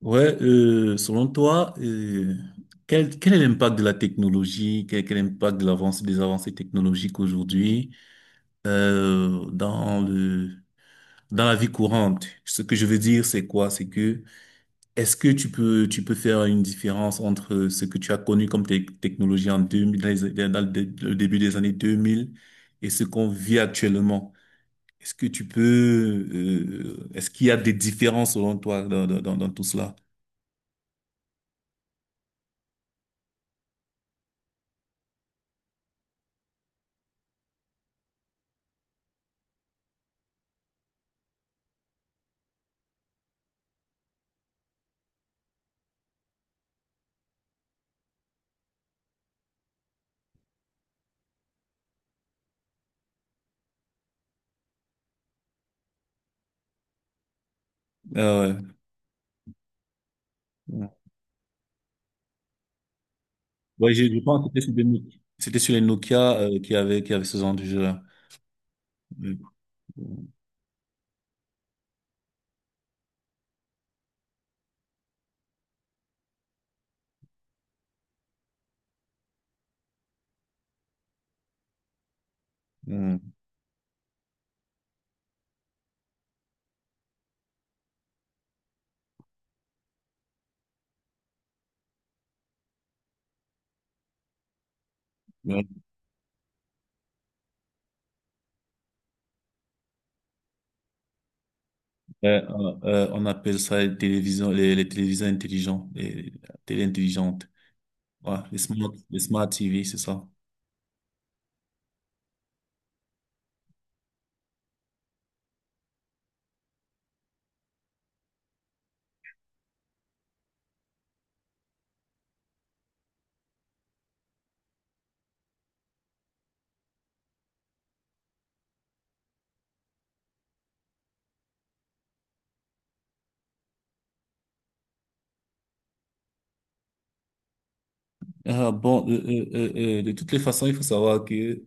Ouais, selon toi, quel est l'impact de la technologie, quel est l'impact de des avancées technologiques aujourd'hui euh, dans le, dans la vie courante. Ce que je veux dire, c'est quoi? C'est que est-ce que tu peux faire une différence entre ce que tu as connu comme technologie en 2000, dans le début des années 2000 et ce qu'on vit actuellement? Est-ce que tu peux, est-ce qu'il y a des différences selon toi dans tout cela? Ah ouais. Ouais, je pense que c'était sur des No- c'était sur les Nokia, qui avaient ce genre de jeu-là. Mm. Mm. Ouais, on appelle ça les télévisions, les téléviseurs intelligents, les télé intelligentes. Ouais, les smart TV, c'est ça. De toutes les façons, il faut savoir que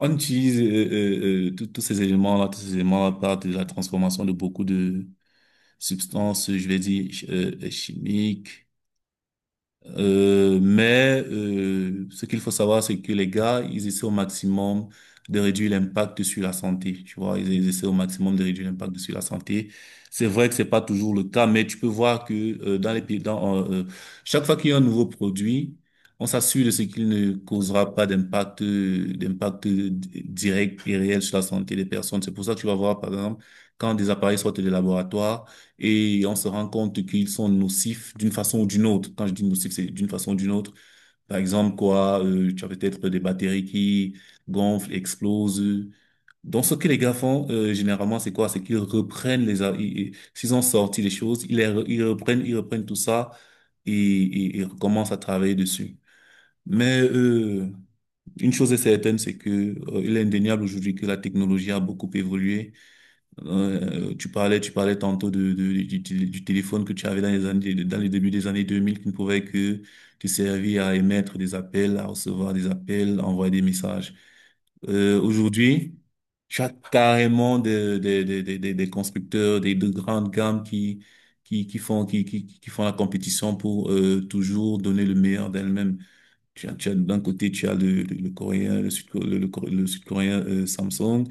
on utilise tous ces éléments-là, tous ces éléments-là partent de la transformation de beaucoup de substances, je vais dire, chimiques. Ce qu'il faut savoir, c'est que les gars, ils essaient au maximum de réduire l'impact sur la santé. Tu vois, ils essaient au maximum de réduire l'impact sur la santé. C'est vrai que c'est pas toujours le cas, mais tu peux voir que dans les pays, chaque fois qu'il y a un nouveau produit, on s'assure de ce qu'il ne causera pas d'impact, direct et réel sur la santé des personnes. C'est pour ça que tu vas voir, par exemple, quand des appareils sortent des laboratoires. Et on se rend compte qu'ils sont nocifs d'une façon ou d'une autre. Quand je dis nocifs, c'est d'une façon ou d'une autre. Par exemple, quoi, tu as peut-être des batteries qui gonflent, explosent. Donc, ce que les gars font, généralement, c'est quoi? C'est qu'ils reprennent les... a- i- i- S'ils ont sorti les choses, ils, les re- ils reprennent tout ça et, et recommencent à travailler dessus. Mais euh, une chose est certaine, c'est que il est indéniable aujourd'hui que la technologie a beaucoup évolué. Tu parlais tantôt du téléphone que tu avais dans les années, dans les débuts des années 2000 qui ne pouvait que te servir à émettre des appels, à recevoir des appels, à envoyer des messages. Aujourd'hui, tu as carrément des constructeurs, des, de grandes gammes qui font la compétition pour toujours donner le meilleur d'elles-mêmes. D'un côté, tu as le coréen, le sud, le, Coré- le sud-coréen Samsung,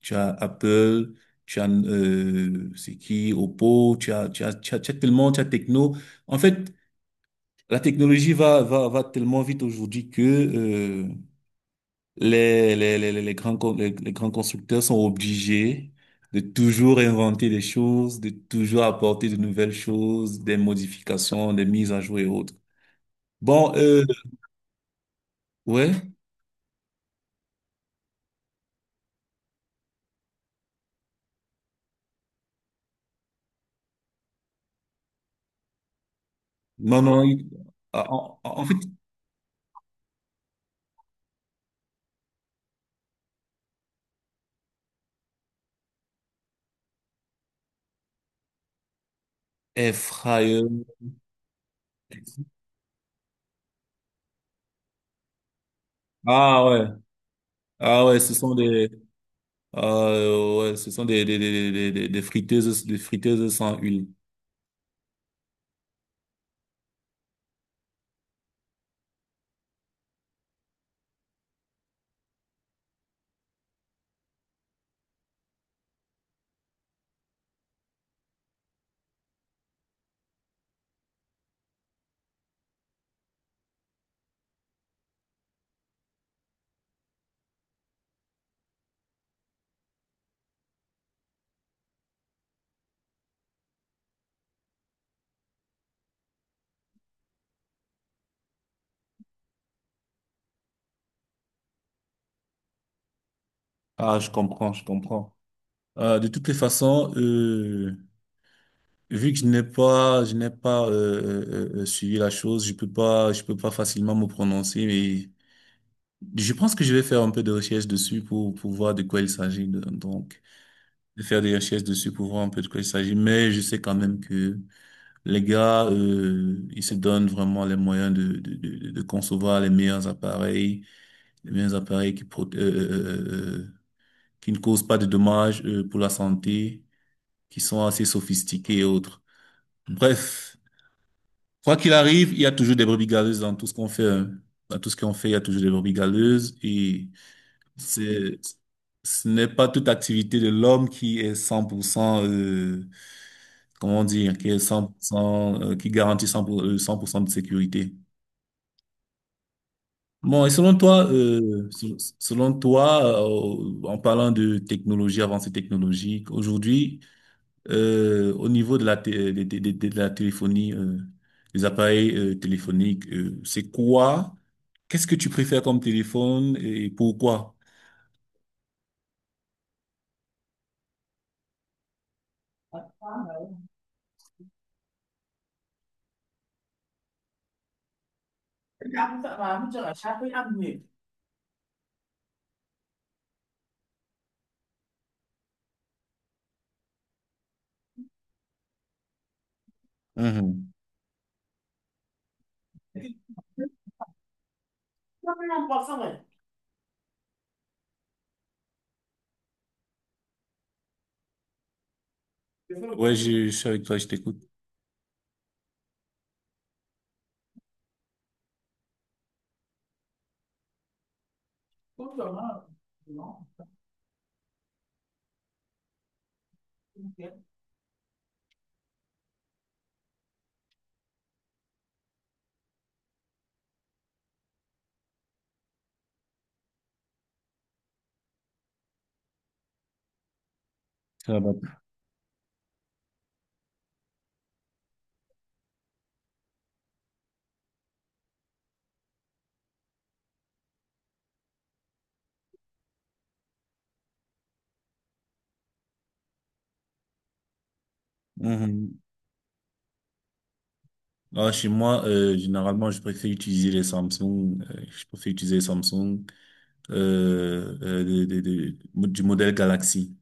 tu as Apple, tu as c'est qui, Oppo, tu as tellement, tu as Techno. En fait, la technologie va tellement vite aujourd'hui que les grands, les grands constructeurs sont obligés de toujours inventer des choses, de toujours apporter de nouvelles choses, des modifications, des mises à jour et autres. Bon, euh, ouais. Non, non, il- ah, en, en fait, air fryer. Ah ouais, ah ouais, ouais, ce sont des friteuses, des friteuses sans huile. Ah, je comprends, je comprends. De toutes les façons, vu que je n'ai pas suivi la chose, je peux pas facilement me prononcer. Je pense que je vais faire un peu de recherche dessus pour voir de quoi il s'agit. Donc, de faire des recherches dessus pour voir un peu de quoi il s'agit. Mais je sais quand même que les gars, ils se donnent vraiment les moyens de concevoir les meilleurs appareils euh, euh, qui ne causent pas de dommages, pour la santé, qui sont assez sophistiqués et autres. Bref, quoi qu'il arrive, il y a toujours des brebis galeuses dans tout ce qu'on fait, hein. Dans tout ce qu'on fait, il y a toujours des brebis galeuses et c'est, ce n'est pas toute activité de l'homme qui est 100%, comment dire, qui est 100%, qui garantit 100% de sécurité. Bon, et selon toi, selon toi, en parlant de technologie, avancée technologique, aujourd'hui, au niveau de la, té- de la téléphonie, des appareils, téléphoniques, c'est quoi? Qu'est-ce que tu préfères comme téléphone et pourquoi? Abuja, chacun a mieux. Mhm. Et puis, ça, c'est important, ouais. Parce que, ouais, je suis avec toi, je t'écoute. Comme ça, moi, non, ok. Ça va. Mhm. Ah, chez moi, généralement, je préfère utiliser les Samsung. Je préfère utiliser les Samsung du modèle Galaxy.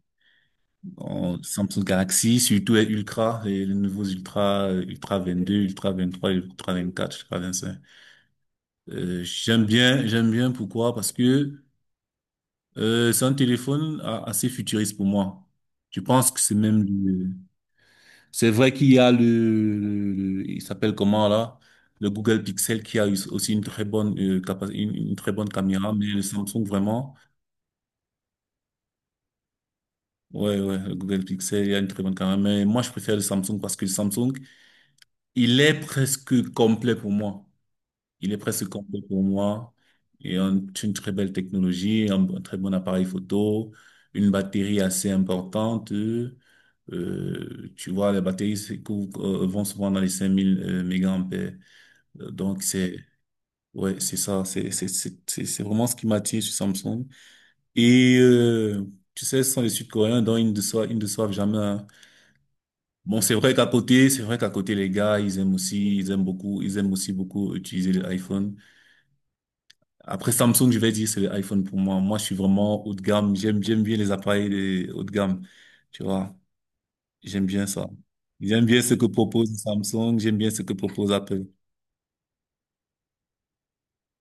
En Samsung Galaxy, surtout les Ultra, les nouveaux Ultra, Ultra 22, Ultra 23, Ultra 24, Ultra 25. J'aime bien pourquoi? Parce que c'est un téléphone assez futuriste pour moi. Je pense que c'est même le- C'est vrai qu'il y a il s'appelle comment là? Le Google Pixel qui a eu aussi une très bonne une très bonne caméra, mais le Samsung vraiment, ouais ouais, le Google Pixel il y a une très bonne caméra, mais moi je préfère le Samsung parce que le Samsung il est presque complet pour moi. Il est presque complet pour moi. Et un- une très belle technologie, un très bon appareil photo, une batterie assez importante. Tu vois, les batteries c'est cou- vont souvent dans les 5 000 mégaampères. Euh, Donc, c'est, ouais, c'est ça. C'est vraiment ce qui m'attire sur Samsung. Et, euh, tu sais, ce sont les Sud-Coréens, dont ils ne doivent jamais, hein. Bon, c'est vrai qu'à côté, c'est vrai qu'à côté, les gars, ils aiment aussi beaucoup utiliser l'iPhone. Après Samsung, je vais dire c'est l'iPhone pour moi. Moi, je suis vraiment haut de gamme. J'aime bien les appareils les haut de gamme. Tu vois, j'aime bien ça. J'aime bien ce que propose Samsung. J'aime bien ce que propose Apple.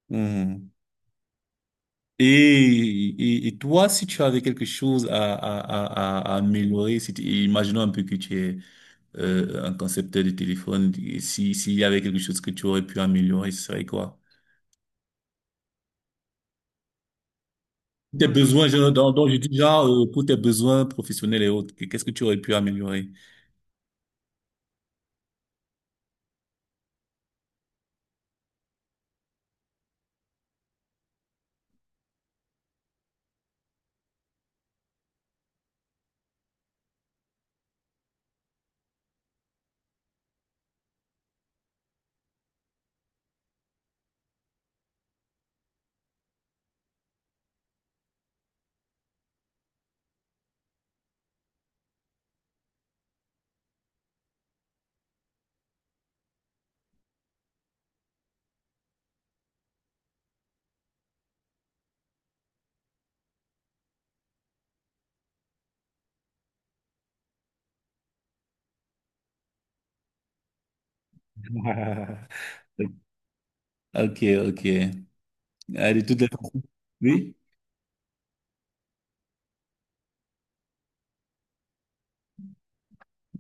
Mhm. Et toi, si tu avais quelque chose à améliorer, si tu- imaginons un peu que tu es un concepteur de téléphone, et si, s'il y avait quelque chose que tu aurais pu améliorer, ce serait quoi? Tes besoins, genre, donc je dis genre, pour tes besoins professionnels et autres, qu'est-ce que tu aurais pu améliorer? Ok, ok. Ah, de toutes les façons. Oui?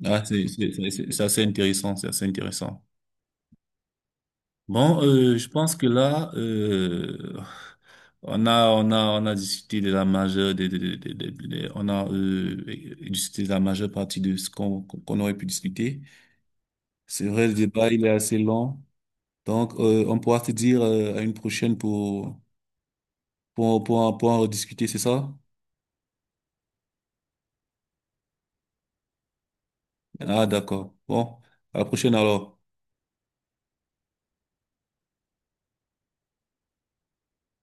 Ah, c'est assez intéressant, c'est assez intéressant. Bon, je pense que là, on a discuté de la majeure, des- on a discuté de la majeure partie de ce qu'on aurait pu discuter. C'est vrai, le débat, il est assez long. Donc, on pourra se dire à une prochaine pour, pour en rediscuter, c'est ça? Ah, d'accord. Bon, à la prochaine alors.